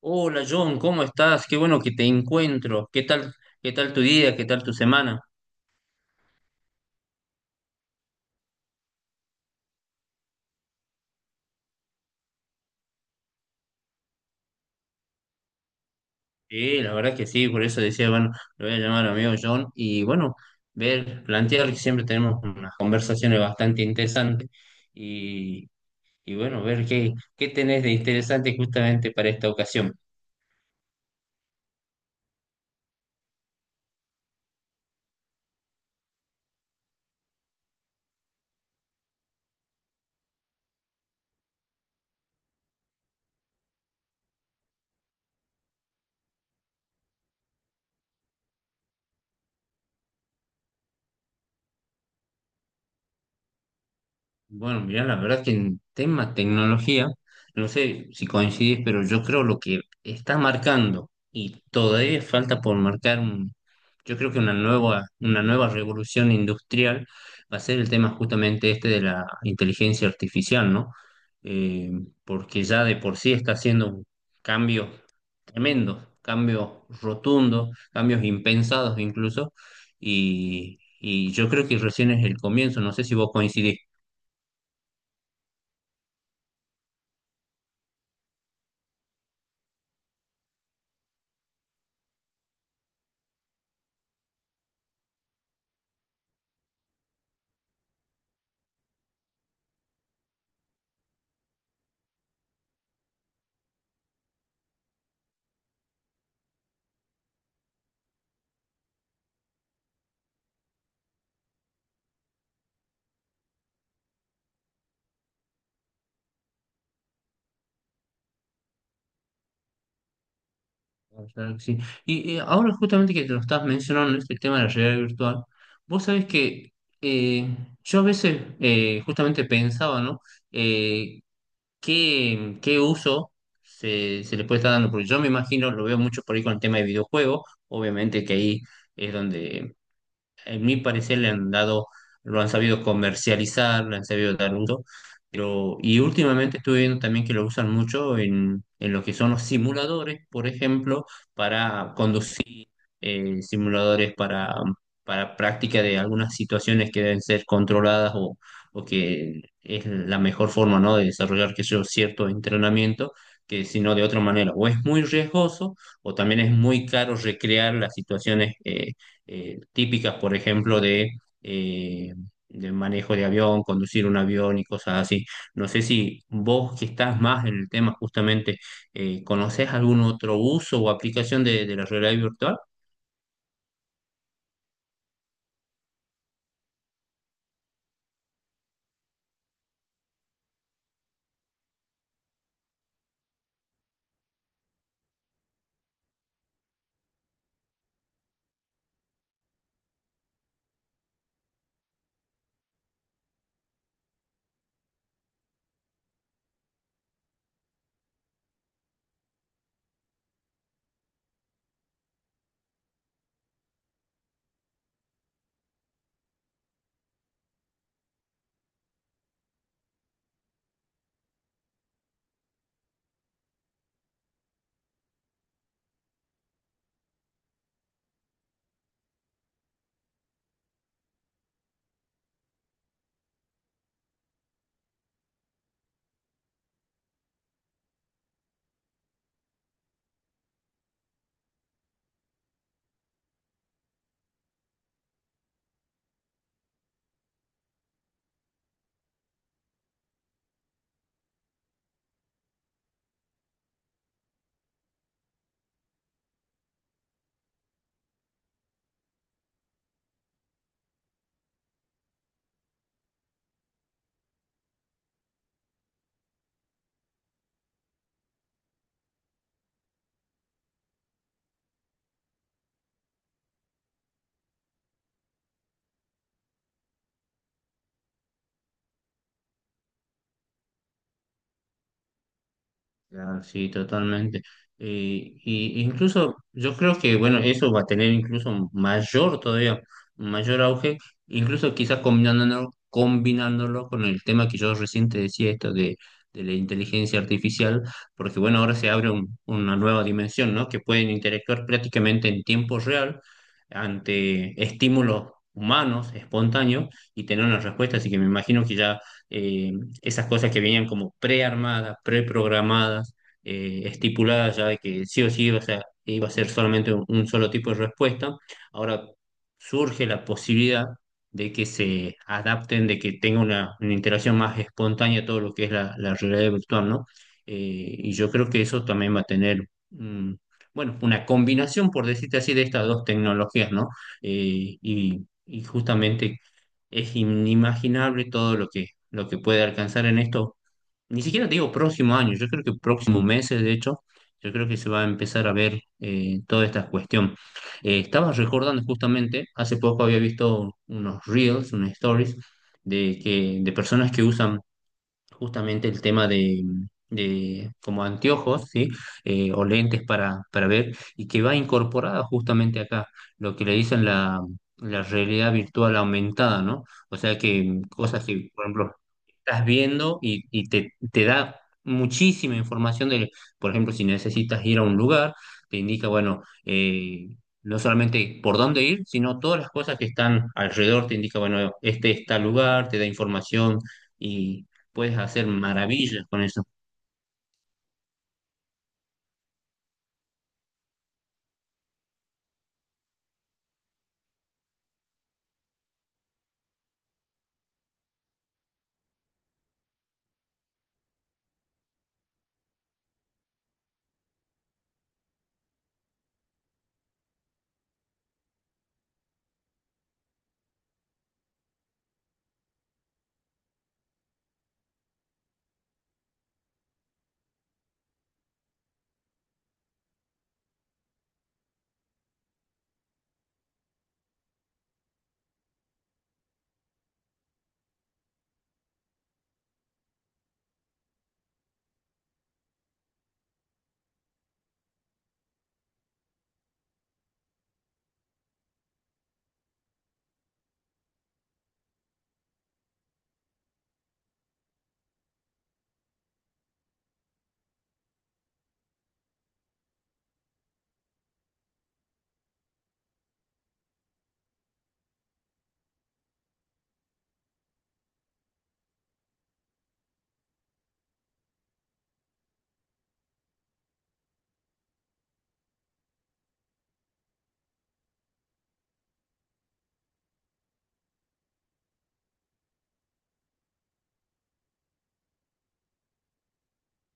Hola John, ¿cómo estás? Qué bueno que te encuentro. ¿Qué tal tu día? ¿Qué tal tu semana? Sí, la verdad que sí, por eso decía, bueno, lo voy a llamar a mi amigo John y bueno, ver, plantear que siempre tenemos unas conversaciones bastante interesantes y, y bueno, ver qué tenés de interesante justamente para esta ocasión. Bueno, mira, la verdad que en tema tecnología, no sé si coincidís, pero yo creo lo que está marcando y todavía falta por marcar un, yo creo que una nueva revolución industrial va a ser el tema justamente este de la inteligencia artificial, ¿no? Eh, Porque ya de por sí está haciendo un cambio tremendo, cambios rotundos, cambios impensados incluso, y yo creo que recién es el comienzo, no sé si vos coincidís. Ah, claro que sí. Y ahora justamente que te lo estás mencionando, este tema de la realidad virtual, vos sabés que eh, yo a veces justamente pensaba, ¿no? Eh, ¿qué uso se le puede estar dando? Porque yo me imagino, lo veo mucho por ahí con el tema de videojuegos, obviamente que ahí es donde en mi parecer le han dado, lo han sabido comercializar, le han sabido dar uso, pero y últimamente estuve viendo también que lo usan mucho en lo que son los simuladores, por ejemplo, para conducir eh, simuladores para, para práctica de algunas situaciones que deben ser controladas o que es la mejor forma, ¿no?, de desarrollar que yo cierto entrenamiento. Que si no de otra manera, o es muy riesgoso o también es muy caro recrear las situaciones típicas, por ejemplo, eh, de manejo de avión, conducir un avión y cosas así. No sé si vos que estás más en el tema justamente, ¿conocés algún otro uso o aplicación de la realidad virtual? Ya, sí, totalmente. Y incluso yo creo que, bueno, eso va a tener incluso mayor todavía, mayor auge, incluso quizás combinándolo con el tema que yo recién te decía, esto de la inteligencia artificial, porque bueno, ahora se abre una nueva dimensión, ¿no? Que pueden interactuar prácticamente en tiempo real ante estímulos humanos, espontáneos, y tener una respuesta. Así que me imagino que ya eh, esas cosas que venían como prearmadas, preprogramadas, estipuladas ya de que sí o sí iba a ser solamente un solo tipo de respuesta. Ahora surge la posibilidad de que se adapten, de que tenga una interacción más espontánea todo lo que es la realidad virtual, ¿no? Y yo creo que eso también va a tener, bueno, una combinación, por decirte así, de estas dos tecnologías, ¿no? Y justamente es inimaginable todo lo que puede alcanzar en esto. Ni siquiera te digo próximo año, yo creo que próximos meses, de hecho, yo creo que se va a empezar a ver toda esta cuestión. Estaba recordando justamente, hace poco había visto unos reels, unas stories de personas que usan justamente el tema de como anteojos, ¿sí? O lentes para ver, y que va incorporada justamente acá, lo que le dicen la realidad virtual aumentada, ¿no? O sea que cosas que, por ejemplo, estás viendo y te da muchísima información de, por ejemplo, si necesitas ir a un lugar, te indica, bueno, no solamente por dónde ir, sino todas las cosas que están alrededor, te indica, bueno, este está lugar, te da información, y puedes hacer maravillas con eso.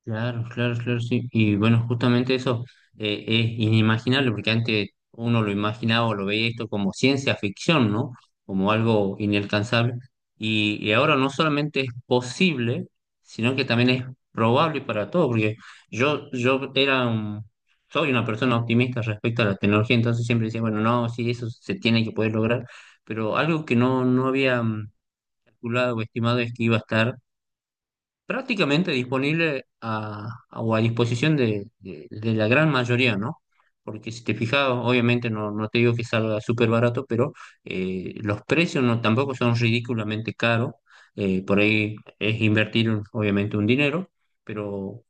Claro, claro, claro, sí. Y bueno, justamente eso es inimaginable, porque antes uno lo imaginaba o lo veía esto como ciencia ficción, ¿no? Como algo inalcanzable. Y ahora no solamente es posible, sino que también es probable para todo, porque yo era soy una persona optimista respecto a la tecnología, entonces siempre decía, bueno, no, sí, eso se tiene que poder lograr, pero algo que no había calculado o estimado es que iba a estar prácticamente disponible o a disposición de la gran mayoría, ¿no? Porque si te fijas, obviamente no, no te digo que salga súper barato, pero los precios no, tampoco son ridículamente caros. Por ahí es invertir, obviamente, un dinero, pero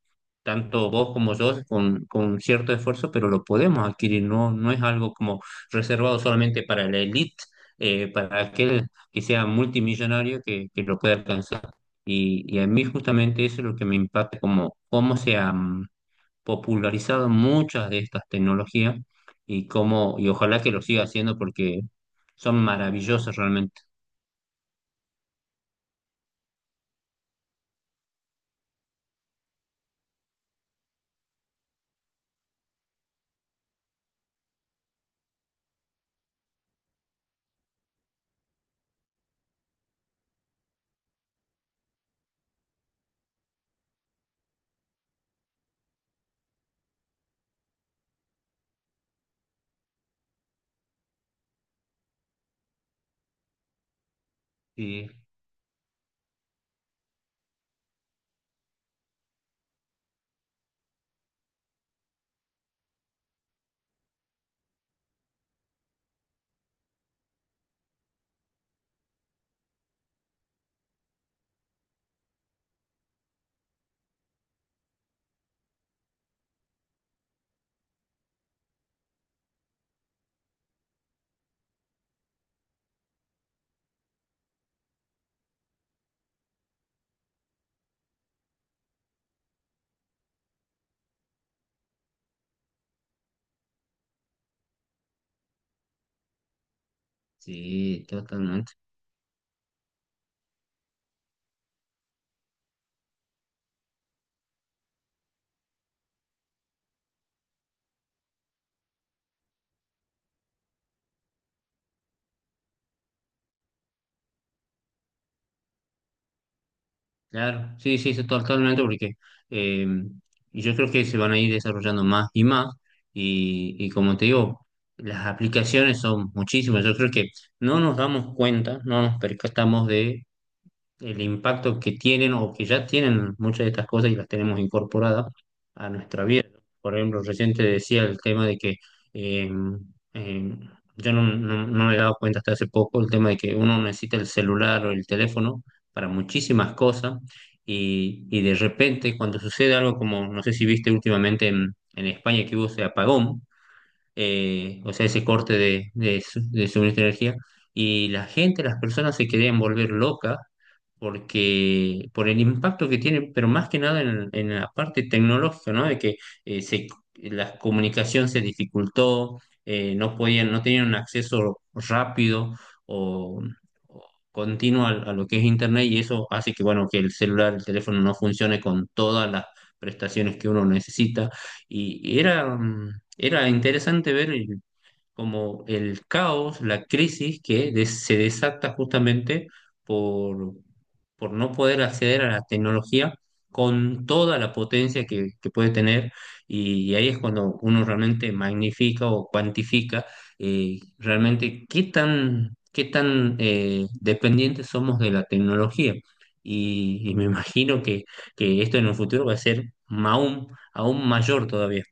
tanto vos como yo con cierto esfuerzo, pero lo podemos adquirir, no, no es algo como reservado solamente para la élite, para aquel que sea multimillonario que lo pueda alcanzar. Y a mí justamente eso es lo que me impacta, como cómo se han popularizado muchas de estas tecnologías y ojalá que lo siga haciendo porque son maravillosas realmente. Sí, sí, totalmente. Claro, sí, sí, sí, totalmente porque eh, yo creo que se van a ir desarrollando más y más y como te digo, las aplicaciones son muchísimas. Yo creo que no nos damos cuenta, no nos percatamos de el impacto que tienen o que ya tienen muchas de estas cosas y las tenemos incorporadas a nuestra vida. Por ejemplo, recién te decía el tema de que eh, eh, yo no me he dado cuenta hasta hace poco el tema de que uno necesita el celular o el teléfono para muchísimas cosas y de repente cuando sucede algo como, no sé si viste últimamente en España que hubo ese apagón, o sea, ese corte de suministro de energía, y la gente, las personas se querían volver locas porque por el impacto que tiene, pero más que nada en la parte tecnológica, ¿no? De que eh, se, la comunicación se dificultó, no podían, no tenían un acceso rápido o, o continuo a lo que es Internet y eso hace que, bueno, que el celular, el teléfono no funcione con todas las prestaciones que uno necesita. Y, y era, mm, Era interesante ver el- como el caos, la crisis que se desata justamente por, por no poder acceder a la tecnología con toda la potencia que puede tener y, ahí es cuando uno realmente magnifica o cuantifica realmente qué tan dependientes somos de la tecnología. Y me imagino que esto en el futuro va a ser aún, aún mayor todavía.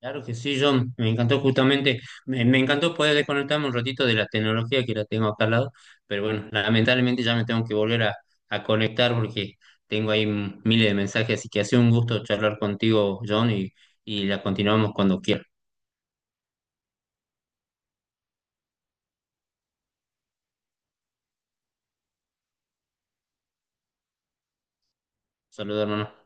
Claro que sí, John, me encantó justamente, me encantó poder desconectarme un ratito de la tecnología que la tengo acá al lado, pero bueno, lamentablemente ya me tengo que volver a conectar porque tengo ahí miles de mensajes, así que ha sido un gusto charlar contigo, John, y la continuamos cuando quiera. Saludos, hermano.